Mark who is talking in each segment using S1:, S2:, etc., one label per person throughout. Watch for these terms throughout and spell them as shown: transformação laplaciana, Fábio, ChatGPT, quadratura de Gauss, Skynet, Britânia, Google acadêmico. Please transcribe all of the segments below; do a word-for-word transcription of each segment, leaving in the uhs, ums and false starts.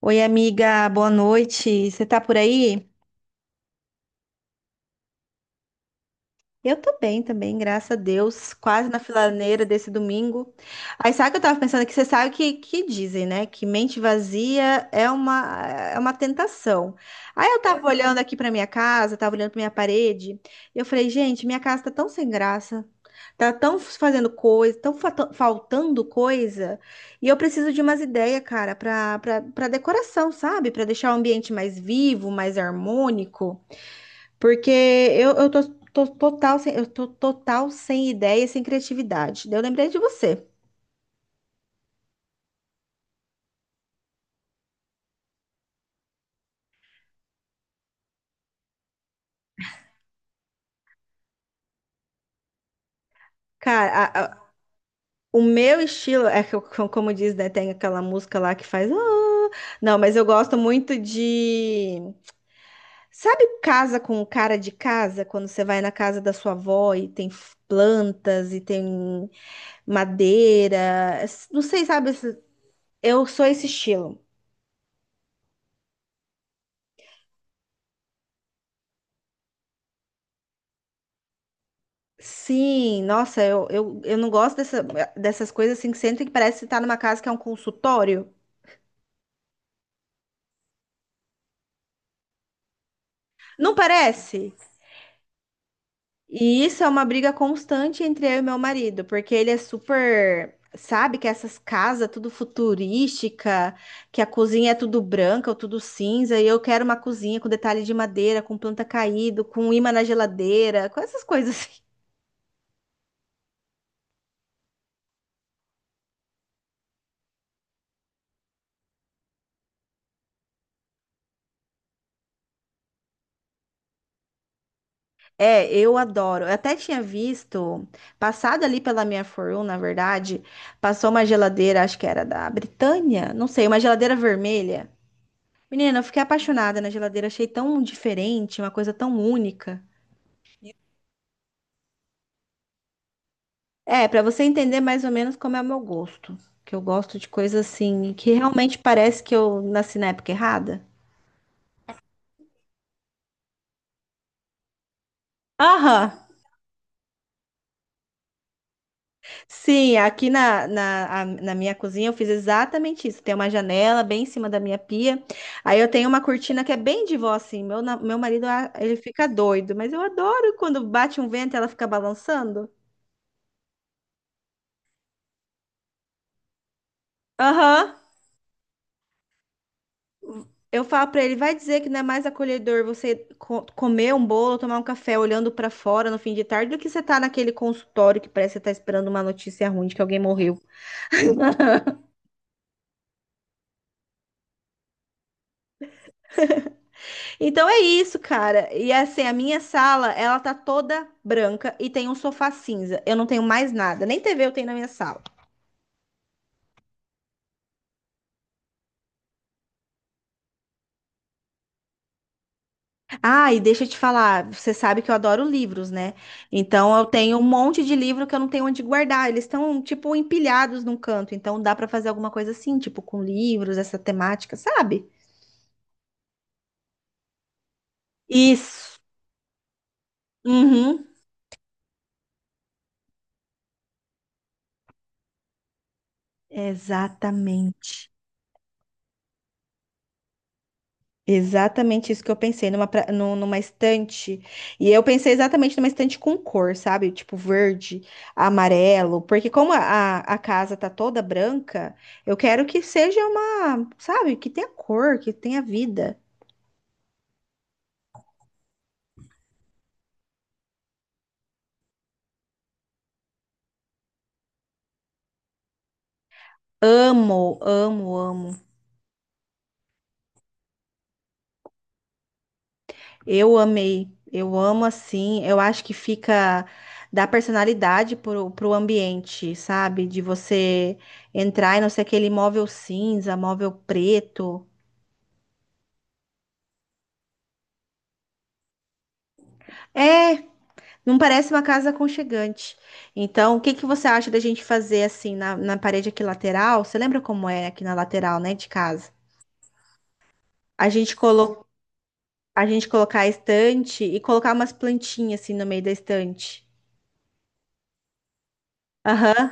S1: Oi, amiga, boa noite. Você tá por aí? Eu tô bem também, graças a Deus. Quase na filaneira desse domingo. Aí sabe o que eu tava pensando? Que você sabe que, que dizem, né? Que mente vazia é uma, é uma tentação. Aí eu tava olhando aqui pra minha casa, tava olhando pra minha parede. E eu falei, gente, minha casa tá tão sem graça. Tá tão fazendo coisa, tão fata- faltando coisa. E eu preciso de umas ideias, cara, pra, pra, pra decoração, sabe? Pra deixar o ambiente mais vivo, mais harmônico. Porque eu, eu tô, tô total sem, eu tô total sem ideia e sem criatividade. Daí eu lembrei de você. Cara, a- a- o meu estilo é que, eu- co- como diz, né? Tem aquela música lá que faz. "Ah." Não, mas eu gosto muito de. Sabe casa com cara de casa? Quando você vai na casa da sua avó e tem f- plantas e tem madeira. s- Não sei, sabe? esse- Eu sou esse estilo. Sim, nossa, eu, eu, eu não gosto dessa, dessas coisas assim que sentem que parece estar numa casa que é um consultório. Não parece? E isso é uma briga constante entre eu e meu marido, porque ele é super, sabe, que essas casas tudo futurística, que a cozinha é tudo branca ou tudo cinza, e eu quero uma cozinha com detalhe de madeira, com planta caído, com imã na geladeira, com essas coisas assim. É, eu adoro. Eu até tinha visto, passado ali pela minha For You, na verdade, passou uma geladeira, acho que era da Britânia, não sei, uma geladeira vermelha. Menina, eu fiquei apaixonada na geladeira, achei tão diferente, uma coisa tão única. É, pra você entender mais ou menos como é o meu gosto, que eu gosto de coisa assim, que realmente parece que eu nasci na época errada. Aham, sim, aqui na, na, a- na minha cozinha eu fiz exatamente isso. Tem uma janela bem em cima da minha pia. Aí eu tenho uma cortina que é bem de vó, assim. Meu, na- meu marido, ah, ele fica doido, mas eu adoro quando bate um vento e ela fica balançando. Aham. Eu falo pra ele, vai dizer que não é mais acolhedor você co- comer um bolo, tomar um café olhando pra fora no fim de tarde do que você tá naquele consultório que parece que você tá esperando uma notícia ruim de que alguém morreu. Então é isso, cara. E assim, a minha sala, ela tá toda branca e tem um sofá cinza. Eu não tenho mais nada, nem T V eu tenho na minha sala. Ah, e deixa eu te falar, você sabe que eu adoro livros, né? Então eu tenho um monte de livro que eu não tenho onde guardar. Eles estão tipo empilhados num canto, então dá pra fazer alguma coisa assim, tipo com livros, essa temática, sabe? Isso. Uhum. Exatamente. Exatamente isso que eu pensei, numa, pra- nu- numa estante. E eu pensei exatamente numa estante com cor, sabe? Tipo verde, amarelo. Porque como a, a a casa tá toda branca, eu quero que seja uma, sabe? Que tenha cor, que tenha vida. Amo, amo, amo. Eu amei. Eu amo assim. Eu acho que fica. Dá personalidade pro, pro ambiente, sabe? De você entrar e não ser aquele móvel cinza, móvel preto. É. Não parece uma casa aconchegante. Então, o que que você acha da gente fazer assim na, na parede aqui lateral? Você lembra como é aqui na lateral, né, de casa? A gente colo... a gente colocar a estante e colocar umas plantinhas assim no meio da estante. Aham.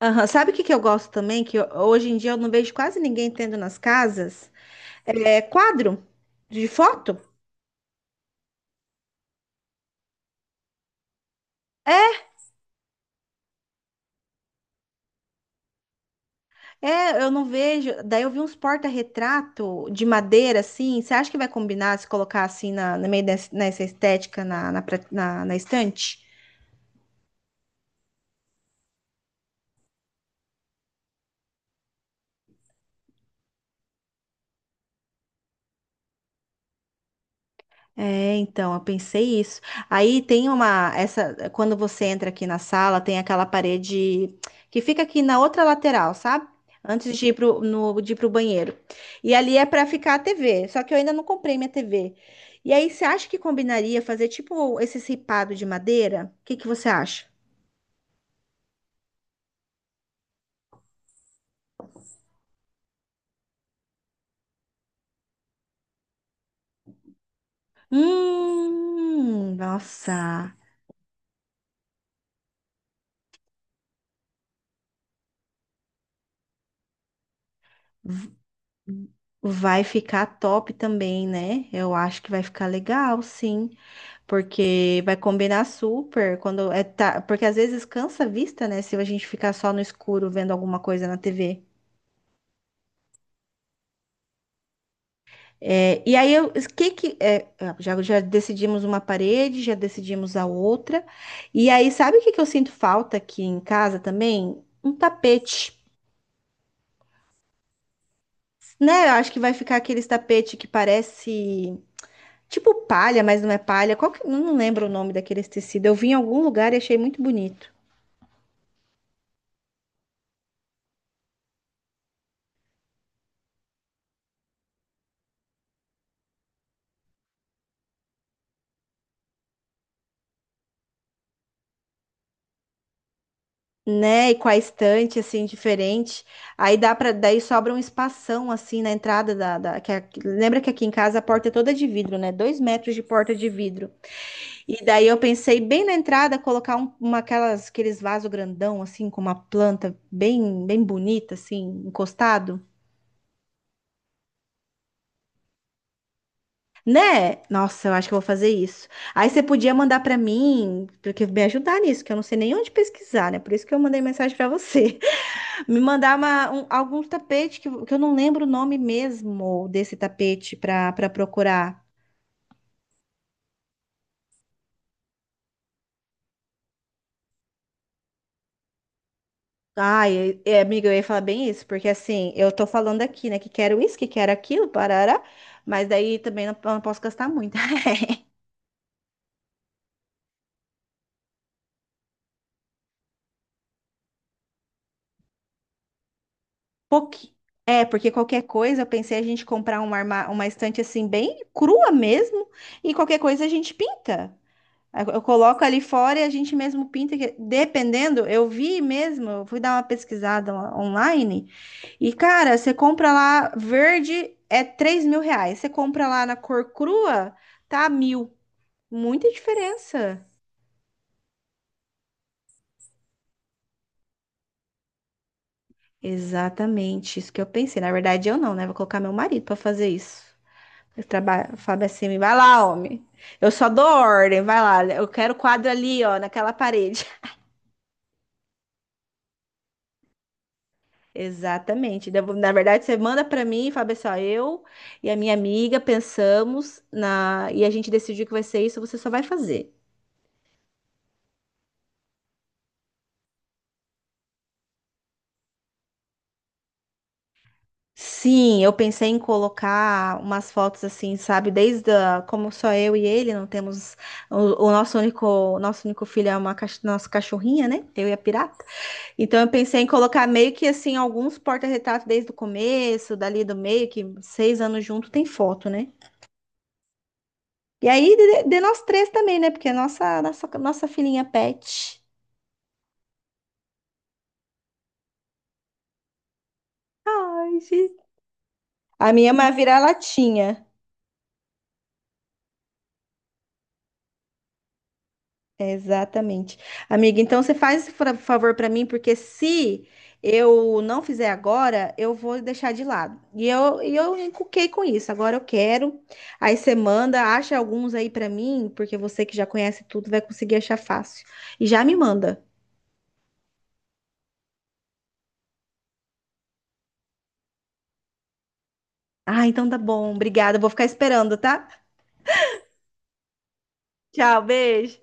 S1: Aham. Sabe o que que eu gosto também? Que eu- hoje em dia eu não vejo quase ninguém tendo nas casas? É quadro de foto. É, eu não vejo. Daí eu vi uns porta-retrato de madeira, assim. Você acha que vai combinar se colocar assim na, no meio dessa, nessa estética na, na, pra- na- na estante? É, então, eu pensei isso. Aí tem uma, essa, quando você entra aqui na sala, tem aquela parede que fica aqui na outra lateral, sabe? Antes de ir pro, no, de ir pro banheiro. E ali é pra ficar a T V, só que eu ainda não comprei minha T V. E aí, você acha que combinaria fazer tipo esse ripado de madeira? O que que você acha? Hum, nossa, vai ficar top também, né? Eu acho que vai ficar legal, sim, porque vai combinar super quando é tá, porque às vezes cansa a vista, né? Se a gente ficar só no escuro vendo alguma coisa na T V. É, e aí eu, que que é, ah, já, já decidimos uma parede, já decidimos a outra. E aí sabe o que que eu sinto falta aqui em casa também? Um tapete. Né, eu acho que vai ficar aqueles tapete que parece. Tipo palha, mas não é palha. Qual que... Não lembro o nome daquele tecido. Eu vi em algum lugar e achei muito bonito. Né? E com a estante, assim, diferente. Aí dá para Daí sobra um espação, assim, na entrada da... da... que a- lembra que aqui em casa a porta é toda de vidro, né? Dois metros de porta de vidro. E daí eu pensei bem na entrada colocar um- uma aquelas... aqueles vaso grandão, assim, com uma planta bem, bem bonita, assim, encostado. Né? Nossa, eu acho que eu vou fazer isso. Aí você podia mandar pra mim, porque me ajudar nisso, que eu não sei nem onde pesquisar, né? Por isso que eu mandei mensagem pra você. Me mandar uma, um, algum tapete que, que eu não lembro o nome mesmo desse tapete pra para procurar. Ai, é, é, amiga, eu ia falar bem isso, porque assim, eu tô falando aqui, né, que quero isso, que quero aquilo, parará, mas daí também não, eu não posso gastar muito. Pouqui... É, porque qualquer coisa, eu pensei a gente comprar uma, arma- uma estante assim, bem crua mesmo, e qualquer coisa a gente pinta. Eu eu coloco ali fora e a gente mesmo pinta, que- dependendo, eu vi mesmo, eu fui dar uma pesquisada on- online, e cara, você compra lá, verde é três mil reais, você compra lá na cor crua, tá mil. Muita diferença. Exatamente, isso que eu pensei. Na verdade, eu não, né? Vou colocar meu marido pra fazer isso. Eu traba- Fábio é assim, vai lá, homem. Eu só dou ordem, vai lá. Eu quero o quadro ali, ó, naquela parede. Exatamente. Devo- Na verdade, você manda para mim, Fábio, assim, ó, eu e a minha amiga pensamos na e a gente decidiu que vai ser isso, você só vai fazer. Sim, eu pensei em colocar umas fotos assim, sabe? Desde a- como só eu e ele, não temos o, o nosso único, o nosso único filho é uma cach- nossa cachorrinha, né? Eu e a pirata. Então eu pensei em colocar meio que assim alguns porta-retratos desde o começo, dali do meio, que seis anos junto tem foto, né? E aí de, de nós três também, né? Porque a nossa, nossa, nossa filhinha pet. Ai, gente. A minha é uma vira-latinha. Exatamente. Amiga, então você faz esse fra- favor para mim, porque se eu não fizer agora, eu vou deixar de lado. E eu, e eu encuquei com isso. Agora eu quero. Aí você manda, acha alguns aí para mim, porque você que já conhece tudo vai conseguir achar fácil. E já me manda. Ah, então tá bom. Obrigada. Eu vou ficar esperando, tá? Tchau, beijo.